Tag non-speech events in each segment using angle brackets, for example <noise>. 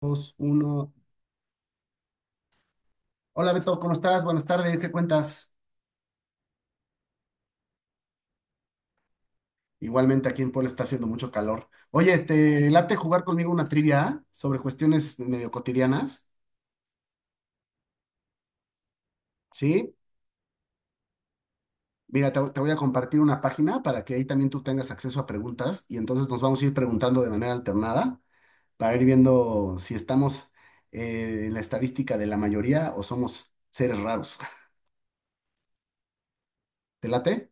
Dos, uno. Hola Beto, ¿cómo estás? Buenas tardes, ¿qué cuentas? Igualmente aquí en Puebla está haciendo mucho calor. Oye, ¿te late jugar conmigo una trivia sobre cuestiones medio cotidianas? ¿Sí? Mira, te voy a compartir una página para que ahí también tú tengas acceso a preguntas y entonces nos vamos a ir preguntando de manera alternada para ir viendo si estamos en la estadística de la mayoría o somos seres raros. <laughs> ¿Te late?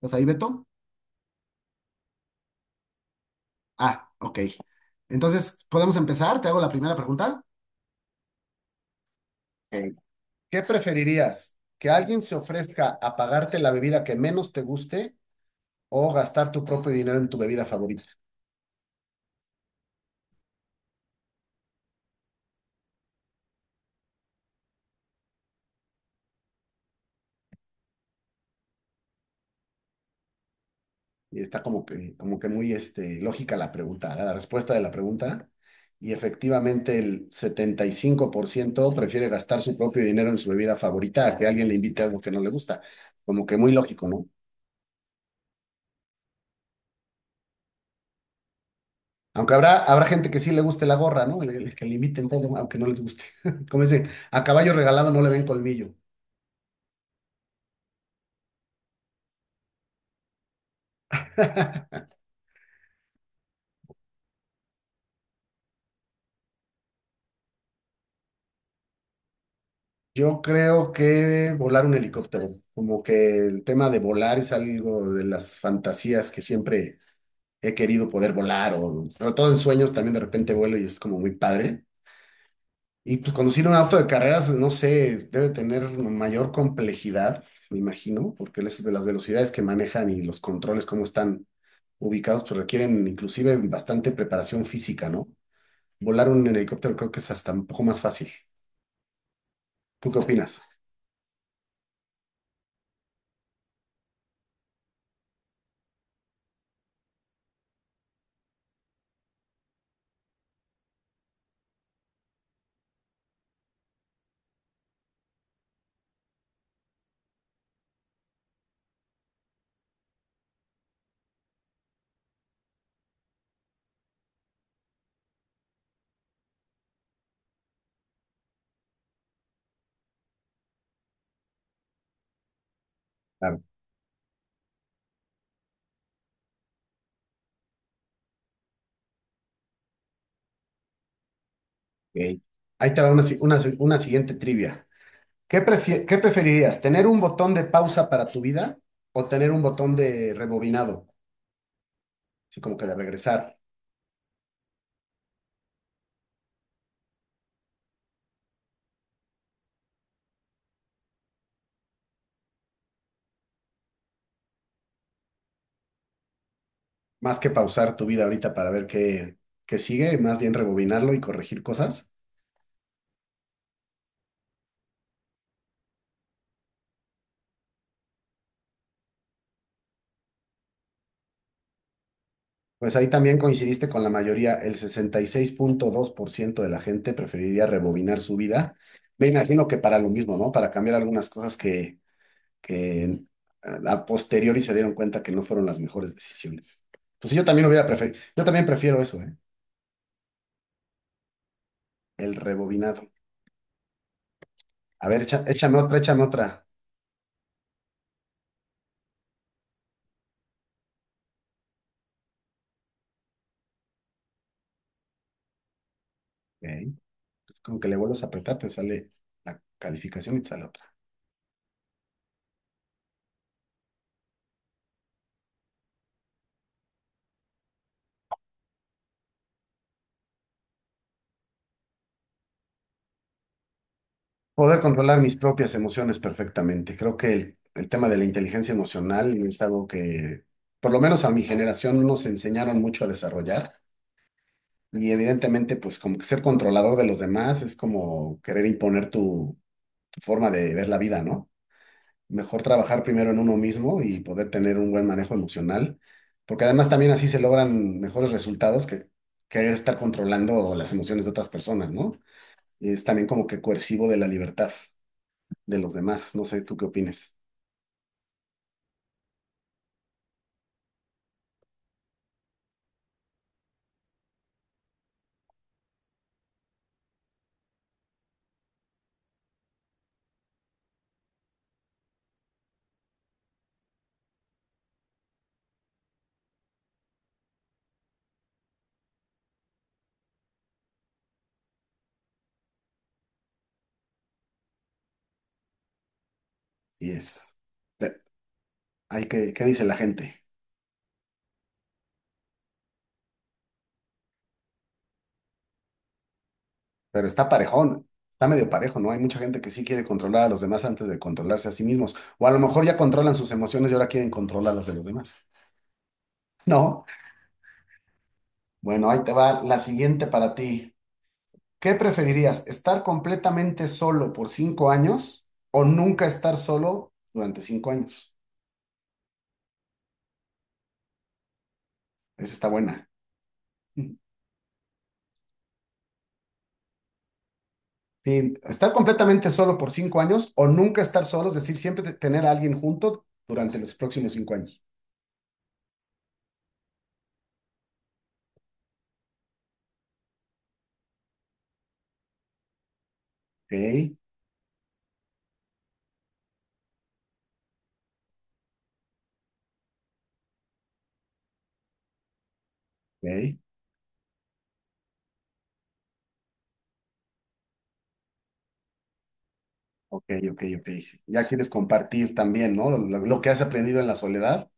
¿Estás ahí, Beto? Ah, ok. Entonces, ¿podemos empezar? ¿Te hago la primera pregunta? ¿Qué preferirías? ¿Que alguien se ofrezca a pagarte la bebida que menos te guste o gastar tu propio dinero en tu bebida favorita? Y está como que muy este, lógica la pregunta, la respuesta de la pregunta. Y efectivamente el 75% prefiere gastar su propio dinero en su bebida favorita a que alguien le invite algo que no le gusta. Como que muy lógico, ¿no? Aunque habrá, habrá gente que sí le guste la gorra, ¿no? El que le inviten todo, aunque no les guste. <laughs> Como dicen, a caballo regalado no le ven colmillo. <laughs> Yo creo que volar un helicóptero, como que el tema de volar es algo de las fantasías que siempre he querido poder volar, o sobre todo en sueños también de repente vuelo y es como muy padre. Y pues conducir un auto de carreras, no sé, debe tener mayor complejidad, me imagino, porque las velocidades que manejan y los controles, cómo están ubicados, pues requieren inclusive bastante preparación física, ¿no? Volar un helicóptero creo que es hasta un poco más fácil. ¿Tú qué opinas? Ok. Ahí te va una, una siguiente trivia. ¿Qué preferirías? ¿Tener un botón de pausa para tu vida o tener un botón de rebobinado? Así como que de regresar. Más que pausar tu vida ahorita para ver qué, qué sigue, más bien rebobinarlo y corregir cosas. Pues ahí también coincidiste con la mayoría. El 66.2% de la gente preferiría rebobinar su vida. Me imagino que para lo mismo, ¿no? Para cambiar algunas cosas que a posteriori se dieron cuenta que no fueron las mejores decisiones. Pues sí, yo también hubiera preferido, yo también prefiero eso, ¿eh? El rebobinado. A ver, échame otra, échame otra. Ok. Es como que le vuelves a apretar, te sale la calificación y te sale otra. Poder controlar mis propias emociones perfectamente. Creo que el tema de la inteligencia emocional es algo que, por lo menos a mi generación, nos enseñaron mucho a desarrollar. Y evidentemente, pues como que ser controlador de los demás es como querer imponer tu forma de ver la vida, ¿no? Mejor trabajar primero en uno mismo y poder tener un buen manejo emocional, porque además también así se logran mejores resultados que querer estar controlando las emociones de otras personas, ¿no? Y es también como que coercivo de la libertad de los demás. No sé, ¿tú qué opinas? Y es, pe- hay que, ¿qué dice la gente? Pero está parejón, está medio parejo, ¿no? Hay mucha gente que sí quiere controlar a los demás antes de controlarse a sí mismos, o a lo mejor ya controlan sus emociones y ahora quieren controlar las de los demás. No. Bueno, ahí te va la siguiente para ti. ¿Qué preferirías, estar completamente solo por cinco años o nunca estar solo durante cinco años? Esa está buena. <laughs> Sí, estar completamente solo por cinco años o nunca estar solo, es decir, tener a alguien junto durante los próximos cinco años. Ok, ok, ok, ok, ok. Ya quieres compartir también, ¿no? Lo, lo que has aprendido en la soledad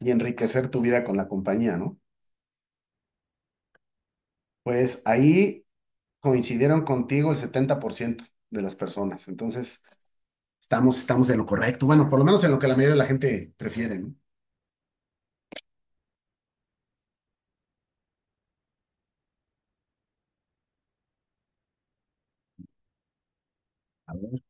y enriquecer tu vida con la compañía, ¿no? Pues ahí coincidieron contigo el 70% de las personas. Entonces, estamos, estamos en lo correcto. Bueno, por lo menos en lo que la mayoría de la gente prefiere, ¿no? A ver,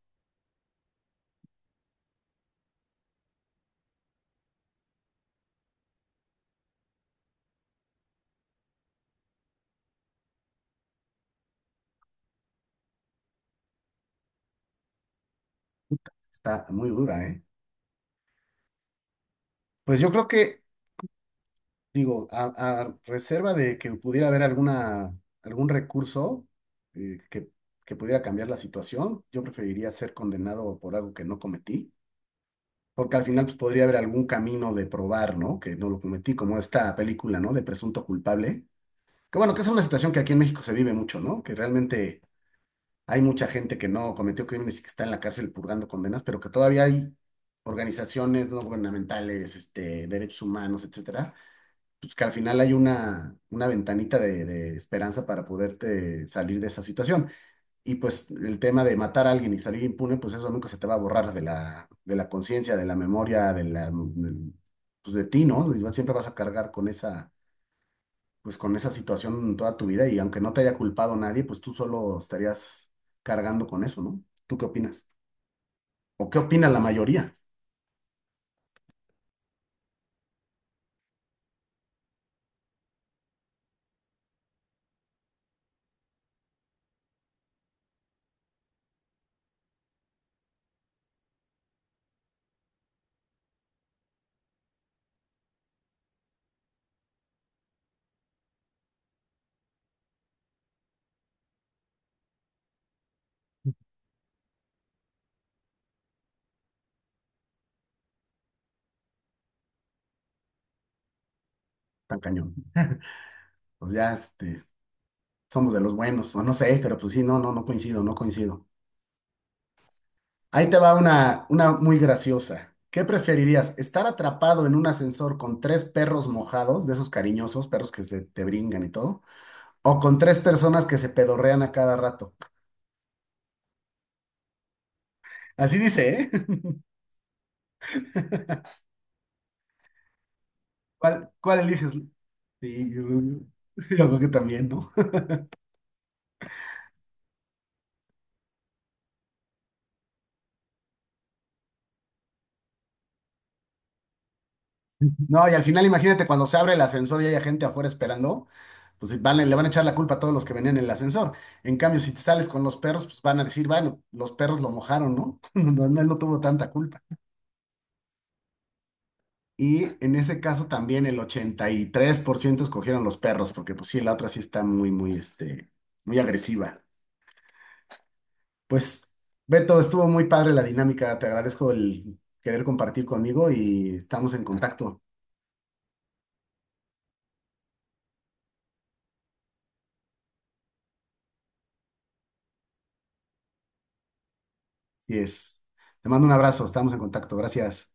está muy dura, ¿eh? Pues yo creo que, digo, a reserva de que pudiera haber alguna, algún recurso eh, que, que pudiera cambiar la situación, yo preferiría ser condenado por algo que no cometí. Porque al final pues, podría haber algún camino de probar, ¿no? Que no lo cometí, como esta película, ¿no? De presunto culpable. Que bueno, que es una situación que aquí en México se vive mucho, ¿no? Que realmente hay mucha gente que no cometió crímenes y que está en la cárcel purgando condenas, pero que todavía hay organizaciones no gubernamentales, este, derechos humanos, etcétera, pues que al final hay una ventanita de esperanza para poderte salir de esa situación. Y pues el tema de matar a alguien y salir impune, pues eso nunca se te va a borrar de la conciencia, de la memoria, pues de ti, ¿no? Y siempre vas a cargar con esa pues con esa situación toda tu vida y aunque no te haya culpado nadie, pues tú solo estarías cargando con eso, ¿no? ¿Tú qué opinas? ¿O qué opina la mayoría? Tan cañón. Pues ya, este, somos de los buenos, o no sé, pero pues sí, no, no, no coincido, no coincido. Ahí te va una muy graciosa. ¿Qué preferirías? ¿Estar atrapado en un ascensor con tres perros mojados, de esos cariñosos perros que se te brincan y todo? ¿O con tres personas que se pedorrean a cada rato? Así dice, ¿eh? <laughs> ¿Cuál, cuál eliges? Sí, yo, <laughs> yo creo que también, ¿no? <laughs> No, y al final imagínate cuando se abre el ascensor y hay gente afuera esperando, pues sí, van, le van a echar la culpa a todos los que venían en el ascensor. En cambio, si te sales con los perros, pues van a decir, bueno, los perros lo mojaron, ¿no? <laughs> No, no, él no tuvo tanta culpa. Y en ese caso también el 83% escogieron los perros, porque pues sí, la otra sí está muy, muy, este, muy agresiva. Pues, Beto, estuvo muy padre la dinámica, te agradezco el querer compartir conmigo y estamos en contacto. Y es. Te mando un abrazo, estamos en contacto. Gracias.